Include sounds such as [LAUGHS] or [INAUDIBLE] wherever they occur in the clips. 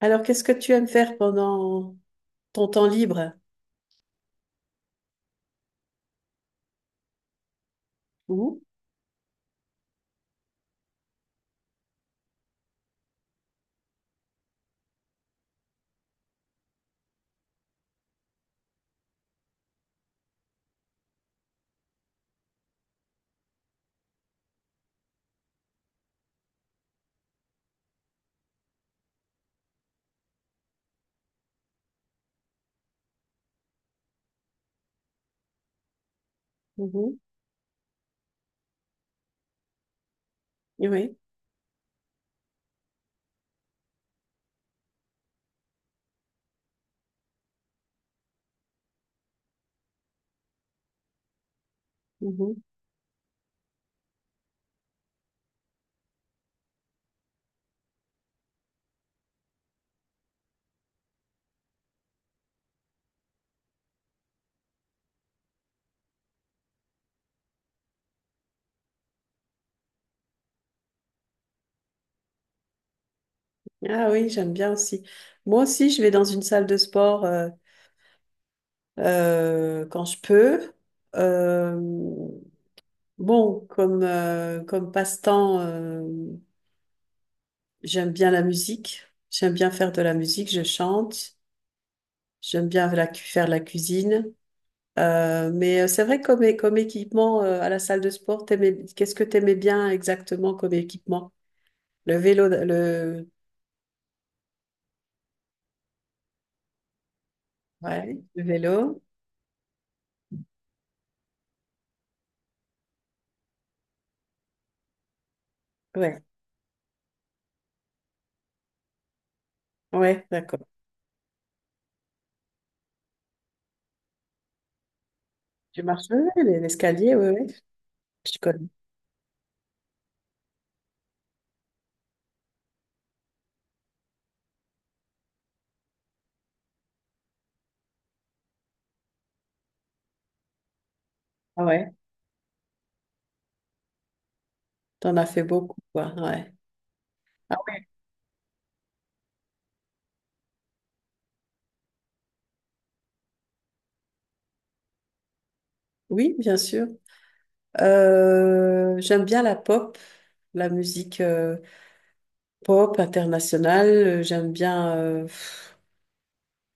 Alors, qu'est-ce que tu aimes faire pendant ton temps libre? Mhm. Mhm. Oui. Mhm. Ah oui, j'aime bien aussi. Moi aussi, je vais dans une salle de sport, quand je peux. Euh, bon, comme, comme passe-temps, j'aime bien la musique. J'aime bien faire de la musique, je chante. J'aime bien faire la cuisine. Mais c'est vrai, comme, comme équipement, à la salle de sport, qu'est-ce que tu aimais bien exactement comme équipement? Le vélo, ouais, le vélo. Ouais, ouais, d'accord. Tu marches, ouais, ouais, l'escalier, ouais, ouais, je connais. Ah ouais, t'en as fait beaucoup, quoi, ouais. Ah ouais. Oui, bien sûr. J'aime bien la pop, la musique pop internationale. J'aime bien, euh, pff,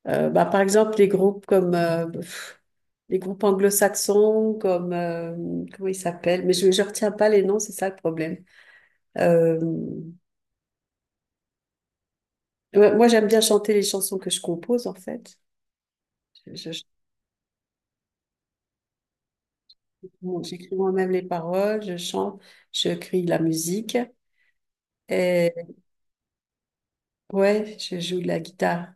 euh, bah, par exemple, les groupes comme les groupes anglo-saxons, comme comment ils s'appellent. Mais je ne retiens pas les noms, c'est ça le problème. Euh, Ouais, moi, j'aime bien chanter les chansons que je compose, en fait. Je, je- bon, j'écris moi-même les paroles, je chante, je crée de la musique. Et ouais, je joue de la guitare.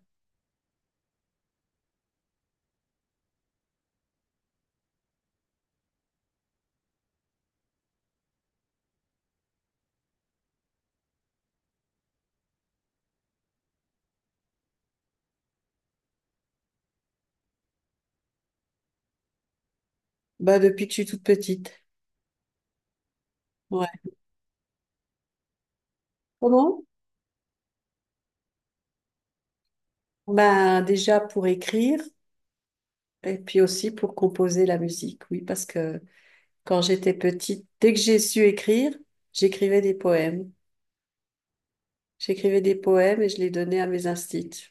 Bah, depuis que je suis toute petite. Ouais. Comment? Bah, déjà pour écrire et puis aussi pour composer la musique. Oui, parce que quand j'étais petite, dès que j'ai su écrire, j'écrivais des poèmes. J'écrivais des poèmes et je les donnais à mes instits.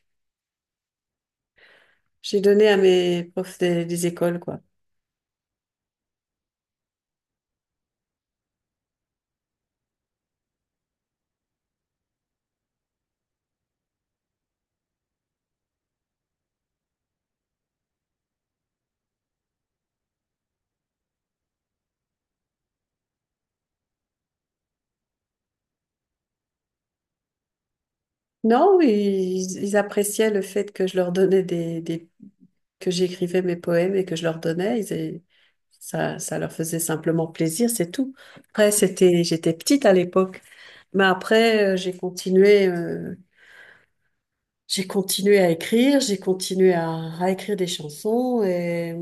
J'ai donné à mes profs des, écoles, quoi. Non, ils appréciaient le fait que je leur donnais des, que j'écrivais mes poèmes et que je leur donnais. Ils, et Ça leur faisait simplement plaisir, c'est tout. Après, c'était, j'étais petite à l'époque, mais après, j'ai continué à écrire, j'ai continué à écrire des chansons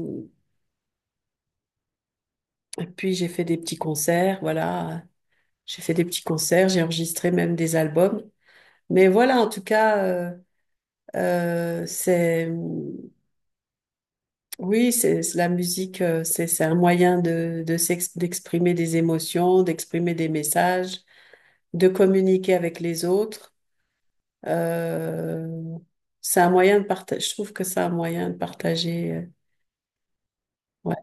et puis j'ai fait des petits concerts, voilà. J'ai fait des petits concerts, j'ai enregistré même des albums. Mais voilà, en tout cas, c'est... Oui, c'est la musique, c'est un moyen de, d'exprimer des émotions, d'exprimer des messages, de communiquer avec les autres. Euh, c'est un moyen de partager. Je trouve que c'est un moyen de partager, ouais,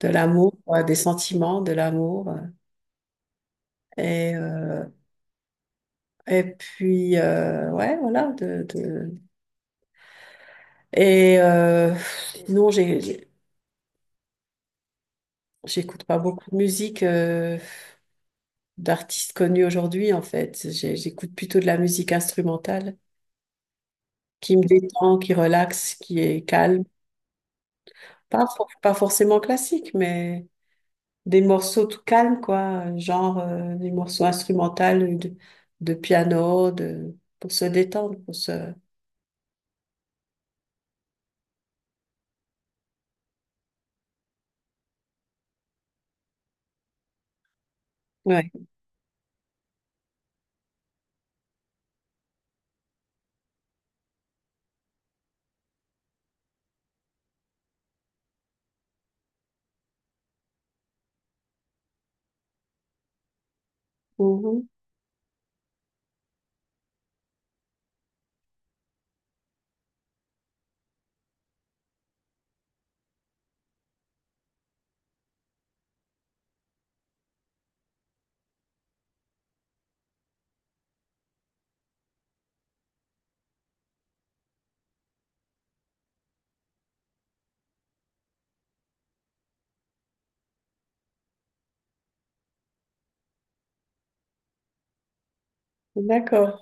de l'amour, ouais, des sentiments, de l'amour. Et euh, et puis ouais, voilà. Et sinon, j'écoute pas beaucoup de musique d'artistes connus aujourd'hui, en fait. J'écoute plutôt de la musique instrumentale qui me détend, qui relaxe, qui est calme. Pas, pas forcément classique, mais des morceaux tout calmes, quoi. Genre des morceaux instrumentaux de, de piano, de, pour se détendre, pour se... Ouais. Mhm. D'accord.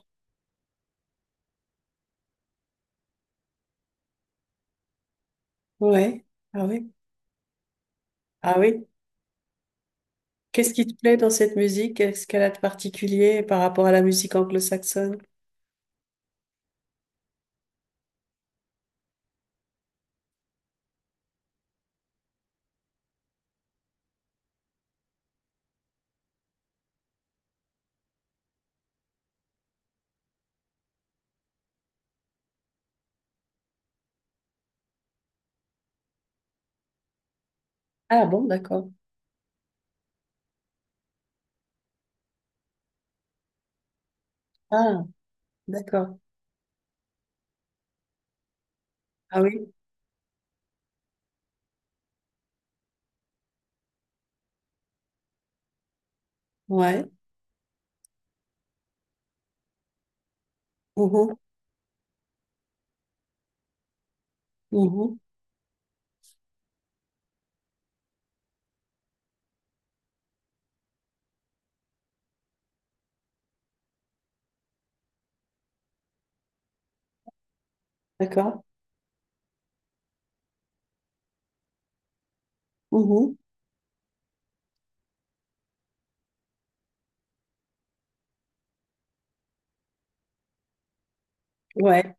Ouais. Ah oui. Ah oui. Qu'est-ce qui te plaît dans cette musique? Qu'est-ce qu'elle a de particulier par rapport à la musique anglo-saxonne? Ah bon, d'accord. Ah, d'accord. Ah oui. Ouais. Mhm. Mhm. D'accord. Mhm. Ouais.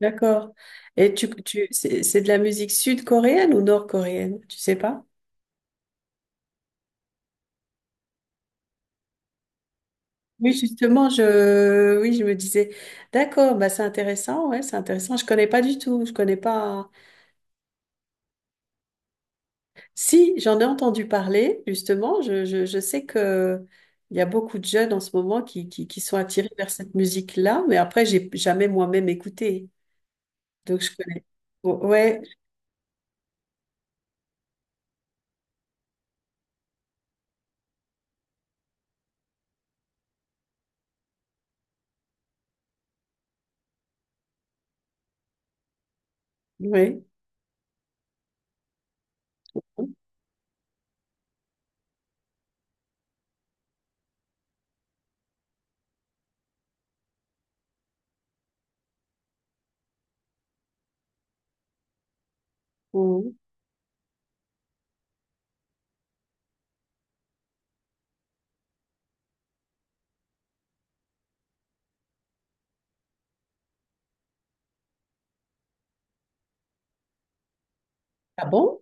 D'accord. Et c'est de la musique sud-coréenne ou nord-coréenne? Tu sais pas? Oui, justement, oui, je me disais, d'accord, bah c'est intéressant, ouais, c'est intéressant. Je connais pas du tout, je connais pas. Si, j'en ai entendu parler, justement. Je sais que il y a beaucoup de jeunes en ce moment qui sont attirés vers cette musique-là, mais après, j'ai jamais moi-même écouté, donc je connais. Bon, ouais, ouais. Mhm. Ah bon?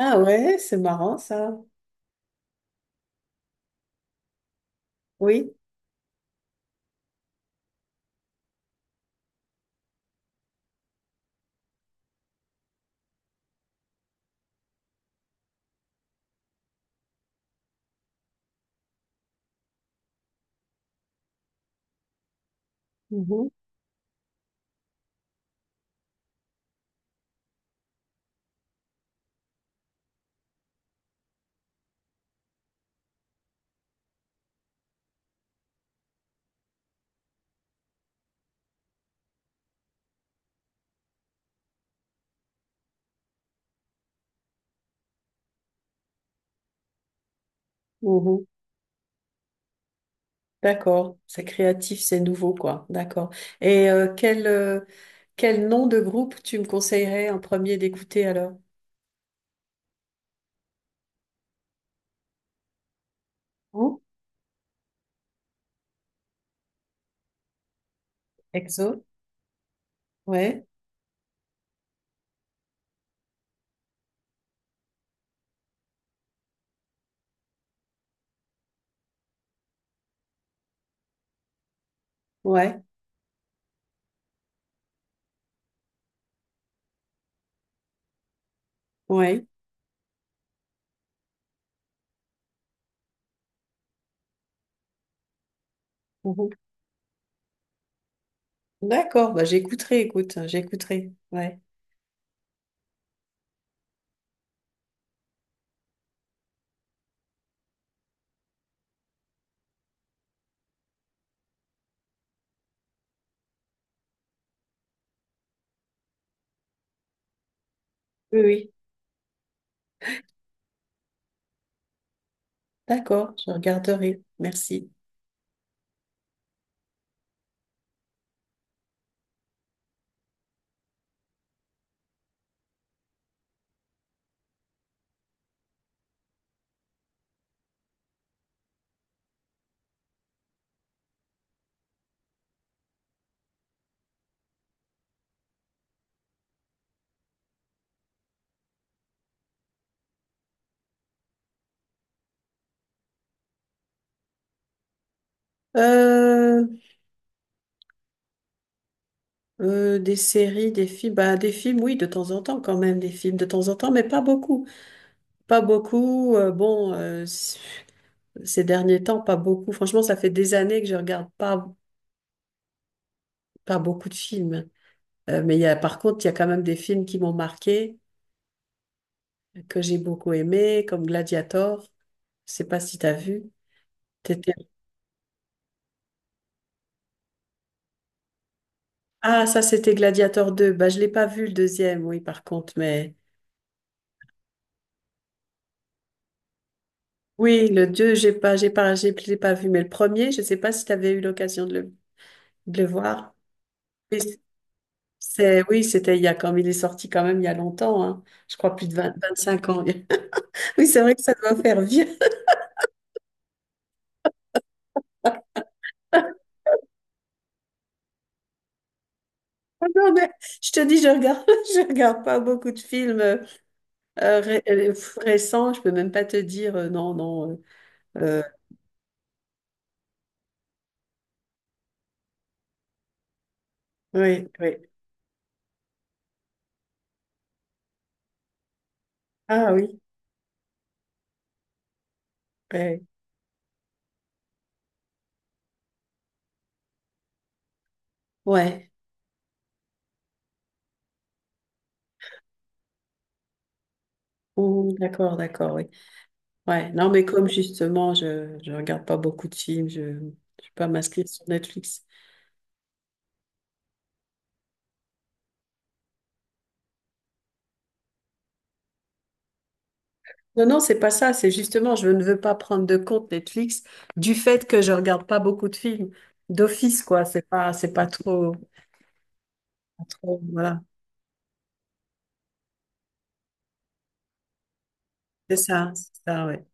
Ah ouais, c'est marrant ça. Oui. Mhm. Mhm. D'accord, c'est créatif, c'est nouveau, quoi. D'accord. Quel, quel nom de groupe tu me conseillerais en premier d'écouter alors? Hein, EXO? Ouais, ouais, ouais. Mhm. D'accord, bah j'écouterai, écoute, j'écouterai. Ouais. Oui, oui. D'accord, je regarderai. Merci. Euh, des séries, des films, bah, des films, oui, de temps en temps quand même, des films de temps en temps, mais pas beaucoup. Pas beaucoup. Ces derniers temps, pas beaucoup. Franchement, ça fait des années que je regarde pas, pas beaucoup de films. Mais il y a, par contre, il y a quand même des films qui m'ont marqué, que j'ai beaucoup aimé, comme Gladiator. Je sais pas si t'as vu. T'étais- Ah, ça, c'était Gladiator deux. Bah, je l'ai pas vu, le deuxième, oui, par contre, mais oui, le deux j'ai pas vu. Mais le premier, je sais pas si t'avais eu l'occasion de le voir. Mais c'est, oui, c'était il y a quand il est sorti, quand même il y a longtemps, hein. Je crois plus de vingt cinq ans. [LAUGHS] Oui, c'est vrai que ça doit faire vieux. Ah non, mais je te dis, je regarde, [LAUGHS] je regarde pas beaucoup de films euh, ré- euh, récents. Je peux même pas te dire, non, non. euh, euh, oui, oui. Ah oui, ouais. Ouais. Ouh, d'accord, d'accord, oui. Ouais. Non, mais comme justement, je regarde pas beaucoup de films. Je ne suis pas m'inscrire sur Netflix. Non, non, c'est pas ça. C'est justement, je ne veux pas prendre de compte Netflix du fait que je regarde pas beaucoup de films d'office, quoi. C'est pas trop, pas trop. Voilà. C'est ça, ouais.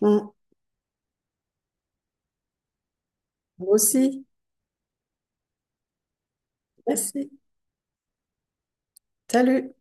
Mmh. Moi aussi. Merci. Salut.